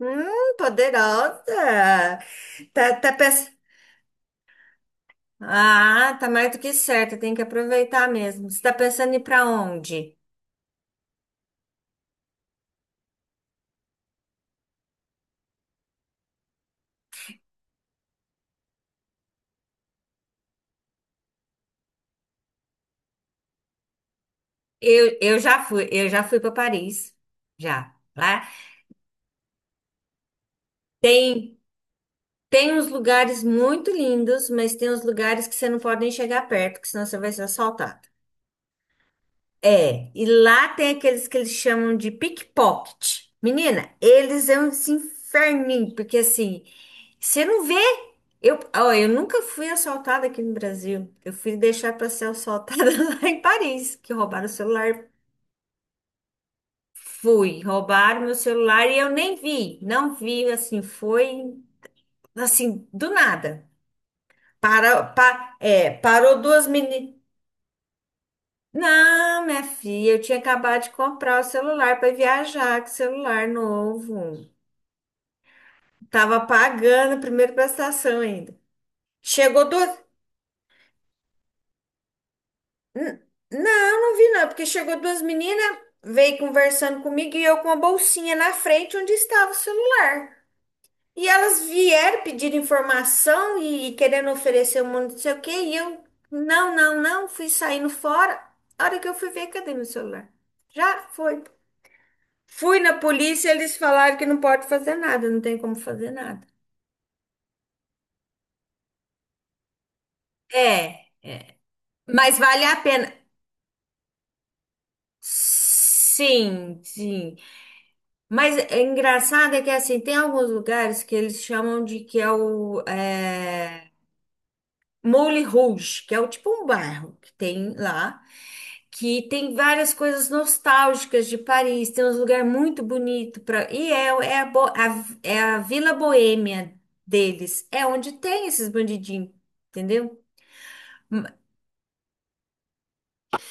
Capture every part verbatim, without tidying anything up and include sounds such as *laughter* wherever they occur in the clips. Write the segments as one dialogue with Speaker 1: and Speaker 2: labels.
Speaker 1: Hum, poderosa. Tá, tá pens... Ah, tá mais do que certa, tem que aproveitar mesmo. Você tá pensando em ir pra onde? Eu, eu já fui, eu já fui para Paris. Já. Lá tem tem uns lugares muito lindos, mas tem uns lugares que você não pode nem chegar perto, que senão você vai ser assaltado. É, e lá tem aqueles que eles chamam de pickpocket. Menina, eles é um esse inferninho, porque assim, você não vê. Eu, ó, eu nunca fui assaltada aqui no Brasil. Eu fui deixar para ser assaltada *laughs* lá em Paris, que roubaram o celular. Fui, roubaram meu celular e eu nem vi. Não vi, assim, foi assim, do nada. Para, pa, é, parou duas meninas. Não, minha filha, eu tinha acabado de comprar o celular para viajar, que celular novo. Tava pagando a primeira prestação ainda. Chegou duas. N- Não, não vi não, porque chegou duas meninas, veio conversando comigo e eu com a bolsinha na frente onde estava o celular. E elas vieram pedir informação e, e querendo oferecer um monte de não sei o quê, e eu, não, não, não, fui saindo fora. A hora que eu fui ver, cadê meu celular? Já foi. Fui na polícia, eles falaram que não pode fazer nada, não tem como fazer nada. É, mas vale a pena. Sim, sim. Mas é engraçado é que assim, tem alguns lugares que eles chamam de que é o é, Moulin Rouge, que é o tipo um bairro que tem lá, que tem várias coisas nostálgicas de Paris, tem uns lugares muito bonitos para e é, é, a, bo- a- é a Vila Boêmia deles, é onde tem esses bandidinhos, entendeu?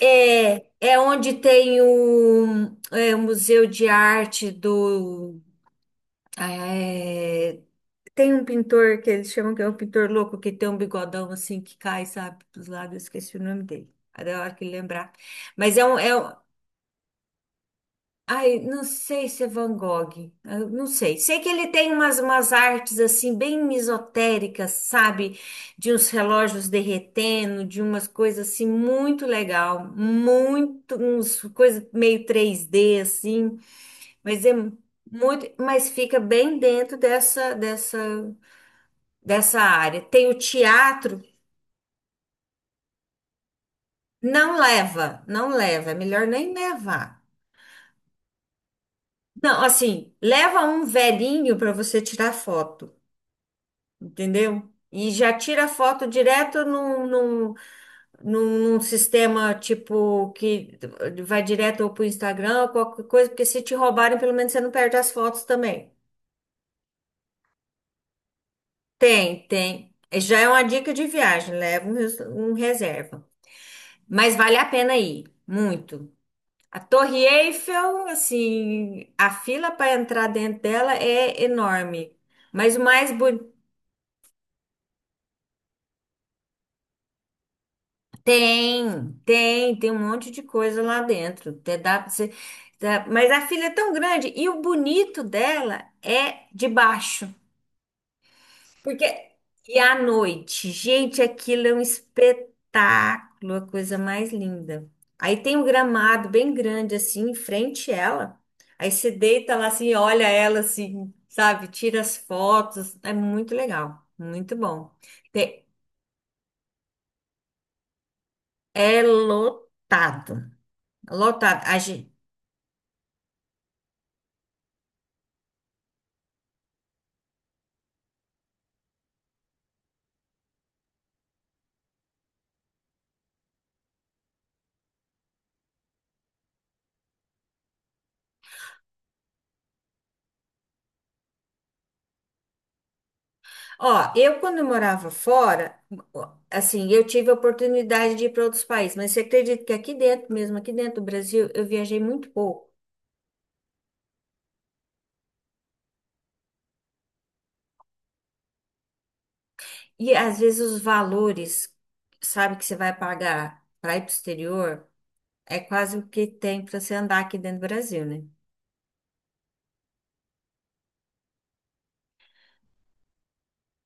Speaker 1: É, é onde tem o, é, o Museu de Arte do. É, tem um pintor que eles chamam que é um pintor louco, que tem um bigodão assim que cai, sabe, dos lados, eu esqueci o nome dele. É da hora que lembrar. Mas é um, é, um, Ai, não sei se é Van Gogh, eu não sei. Sei que ele tem umas, umas artes assim bem misotéricas, sabe? De uns relógios derretendo, de umas coisas assim muito legal, muito, uns coisa meio três d assim, mas é muito, mas fica bem dentro dessa dessa dessa área. Tem o teatro, não leva, não leva, é melhor nem levar. Não, assim, leva um velhinho para você tirar foto. Entendeu? E já tira a foto direto num, num, num, num sistema tipo que vai direto para o Instagram ou qualquer coisa, porque se te roubarem, pelo menos você não perde as fotos também. Tem, tem. Já é uma dica de viagem, leva um, res- um reserva. Mas vale a pena ir, muito. A Torre Eiffel, assim, a fila para entrar dentro dela é enorme. Mas o mais. Tem, tem, tem um monte de coisa lá dentro. Até dá pra você, dá- mas a filha é tão grande e o bonito dela é de baixo. Porque e à noite, gente, aquilo é um espetáculo, a coisa mais linda. Aí tem um gramado bem grande assim em frente a ela. Aí você deita lá assim, olha ela assim, sabe? Tira as fotos, é muito legal, muito bom. Tem- É lotado, lotado. A gente. Ó, eu quando eu morava fora, ó, assim, eu tive a oportunidade de ir para outros países, mas você acredita que aqui dentro, mesmo aqui dentro do Brasil, eu viajei muito pouco. E às vezes os valores, sabe, que você vai pagar para ir para o exterior, é quase o que tem para você andar aqui dentro do Brasil, né?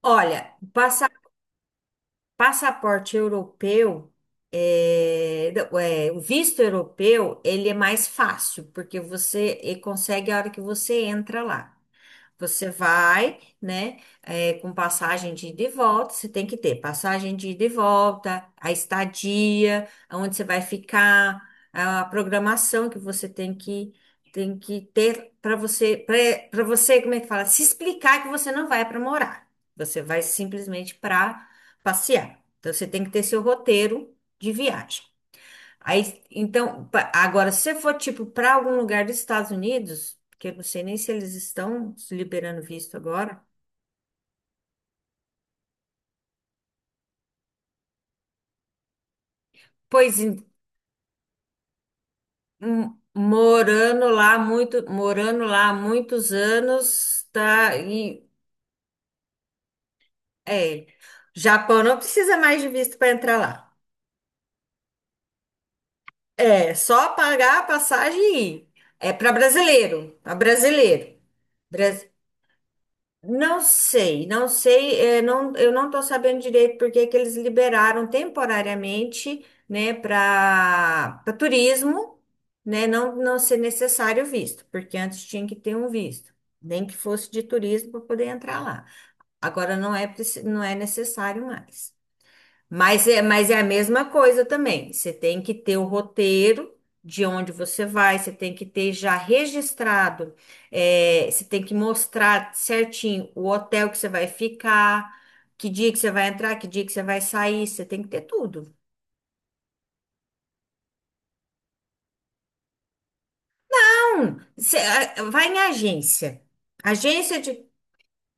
Speaker 1: Olha, passa- passaporte europeu, é, não, é, o visto europeu, ele é mais fácil, porque você e consegue a hora que você entra lá. Você vai, né, é, com passagem de ida e volta, você tem que ter passagem de ida e volta, a estadia, onde você vai ficar, a programação que você tem que, tem que ter para você, para você, como é que fala? Se explicar que você não vai para morar, você vai simplesmente para passear. Então, você tem que ter seu roteiro de viagem. Aí, então, pa- agora, se você for tipo para algum lugar dos Estados Unidos, que eu não sei nem se eles estão liberando visto agora, pois em- m- morando lá muito, morando lá há muitos anos, tá, e é, Japão não precisa mais de visto para entrar lá. É só pagar a passagem e ir. É para brasileiro, para brasileiro. Não sei, não sei, eh, não, eu não estou sabendo direito porque que eles liberaram temporariamente, né, para turismo, né, não, não ser necessário visto, porque antes tinha que ter um visto, nem que fosse de turismo para poder entrar lá. Agora não é, preci- não é necessário mais. Mas é, mas é a mesma coisa também. Você tem que ter o roteiro de onde você vai, você tem que ter já registrado, é, você tem que mostrar certinho o hotel que você vai ficar, que dia que você vai entrar, que dia que você vai sair, você tem que ter tudo. Então, você, ah, vai em agência, agência de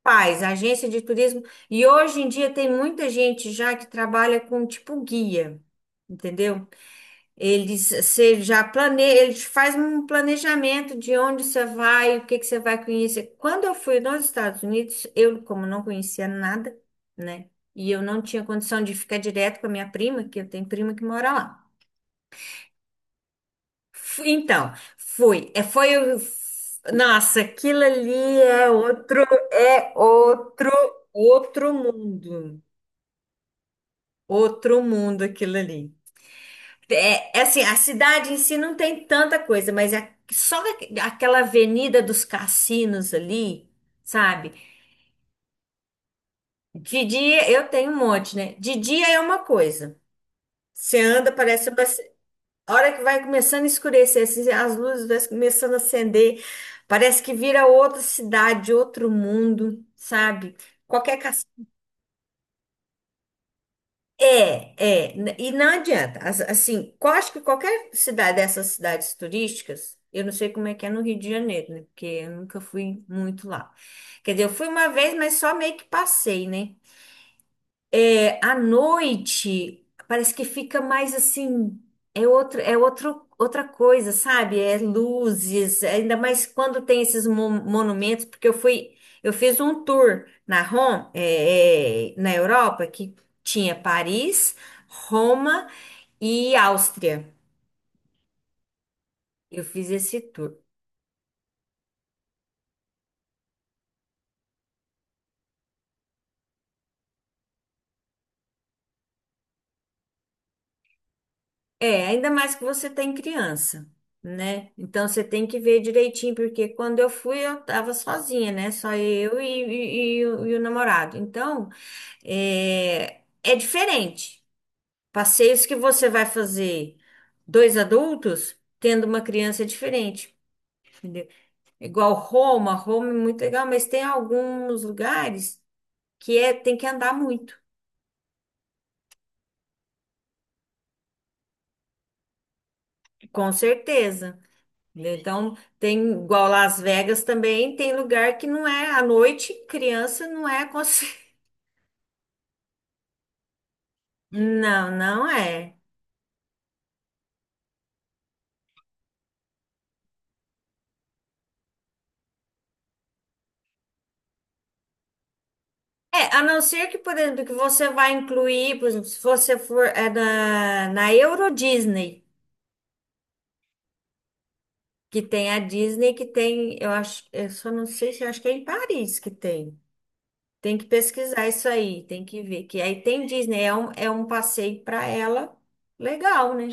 Speaker 1: paz, agência de turismo, e hoje em dia tem muita gente já que trabalha com tipo guia. Entendeu? Eles, você já planeja, eles fazem um planejamento de onde você vai, o que que você vai conhecer. Quando eu fui nos Estados Unidos, eu, como não conhecia nada, né? E eu não tinha condição de ficar direto com a minha prima, que eu tenho prima que mora lá. Fui- Então, fui. É, foi o. Nossa, aquilo ali é outro, é outro, outro mundo. Outro mundo aquilo ali. É, é assim, a cidade em si não tem tanta coisa, mas é só aqu- aquela avenida dos cassinos ali, sabe? De dia, eu tenho um monte, né? De dia é uma coisa. Você anda, parece uma... A hora que vai começando a escurecer, assim, as luzes vai começando a acender, parece que vira outra cidade, outro mundo, sabe? Qualquer. É, é, n- e não adianta. As- Assim, eu acho que qualquer cidade dessas cidades turísticas, eu não sei como é que é no Rio de Janeiro, né? Porque eu nunca fui muito lá. Quer dizer, eu fui uma vez, mas só meio que passei, né? É, à noite, parece que fica mais assim, é outro, é outro, outra coisa, sabe? É luzes, ainda mais quando tem esses mo- monumentos, porque eu fui, eu fiz um tour na Rom, é, é, na Europa, que tinha Paris, Roma e Áustria. Eu fiz esse tour. É, ainda mais que você tem criança, né? Então você tem que ver direitinho, porque quando eu fui eu tava sozinha, né? Só eu e, e- e o, e o namorado. Então é, é diferente. Passeios que você vai fazer dois adultos tendo uma criança é diferente, entendeu? Igual Roma, Roma é muito legal, mas tem alguns lugares que é, tem que andar muito, com certeza. Então, tem igual Las Vegas também, tem lugar que não é à noite, criança não é aconse- *laughs* Não, não é. É, a não ser que, por exemplo, que você vai incluir, por exemplo, se você for é na, na Euro Disney, que tem a Disney que tem, eu acho, eu só não sei se eu acho que é em Paris que tem. Tem que pesquisar isso aí, tem que ver. Que aí tem Disney, é um, é um passeio para ela legal, né?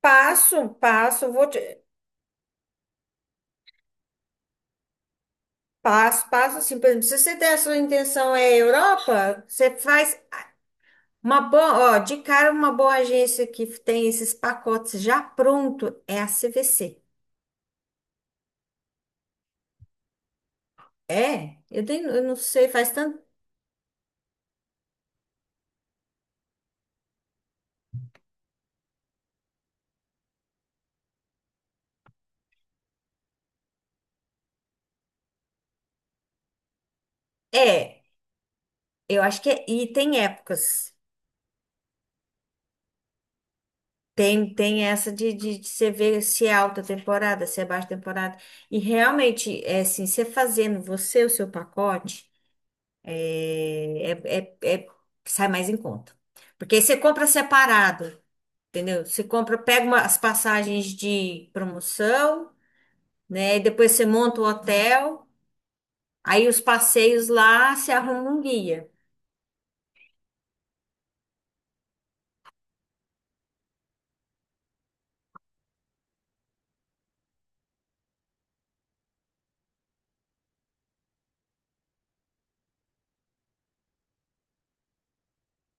Speaker 1: Passo, passo, vou. te- Passo, passo assim, por exemplo, se você der a sua intenção é Europa, você faz uma boa, ó, de cara uma boa agência que tem esses pacotes já pronto é a C V C. É, eu, nem- eu não sei, faz tanto. É, eu acho que é, e tem épocas. Tem, tem essa de, de, de você ver se é alta temporada, se é baixa temporada. E realmente, é assim, você fazendo você o seu pacote, é, é, é, é- sai mais em conta. Porque aí você compra separado. Entendeu? Você compra, pega uma- as passagens de promoção, né? E depois você monta o hotel, aí os passeios lá, você arruma um guia.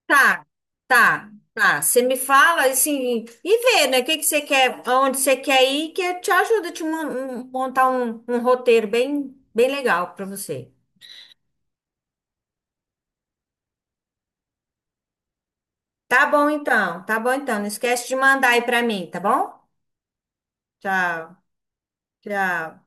Speaker 1: Tá, tá, tá. Você me fala assim e vê, né? O que que você quer, aonde você quer ir, que eu te ajudo a te mon- um- montar um, um roteiro bem, bem legal para você. Tá bom então, tá bom então. Não esquece de mandar aí para mim, tá bom? Tchau, tchau.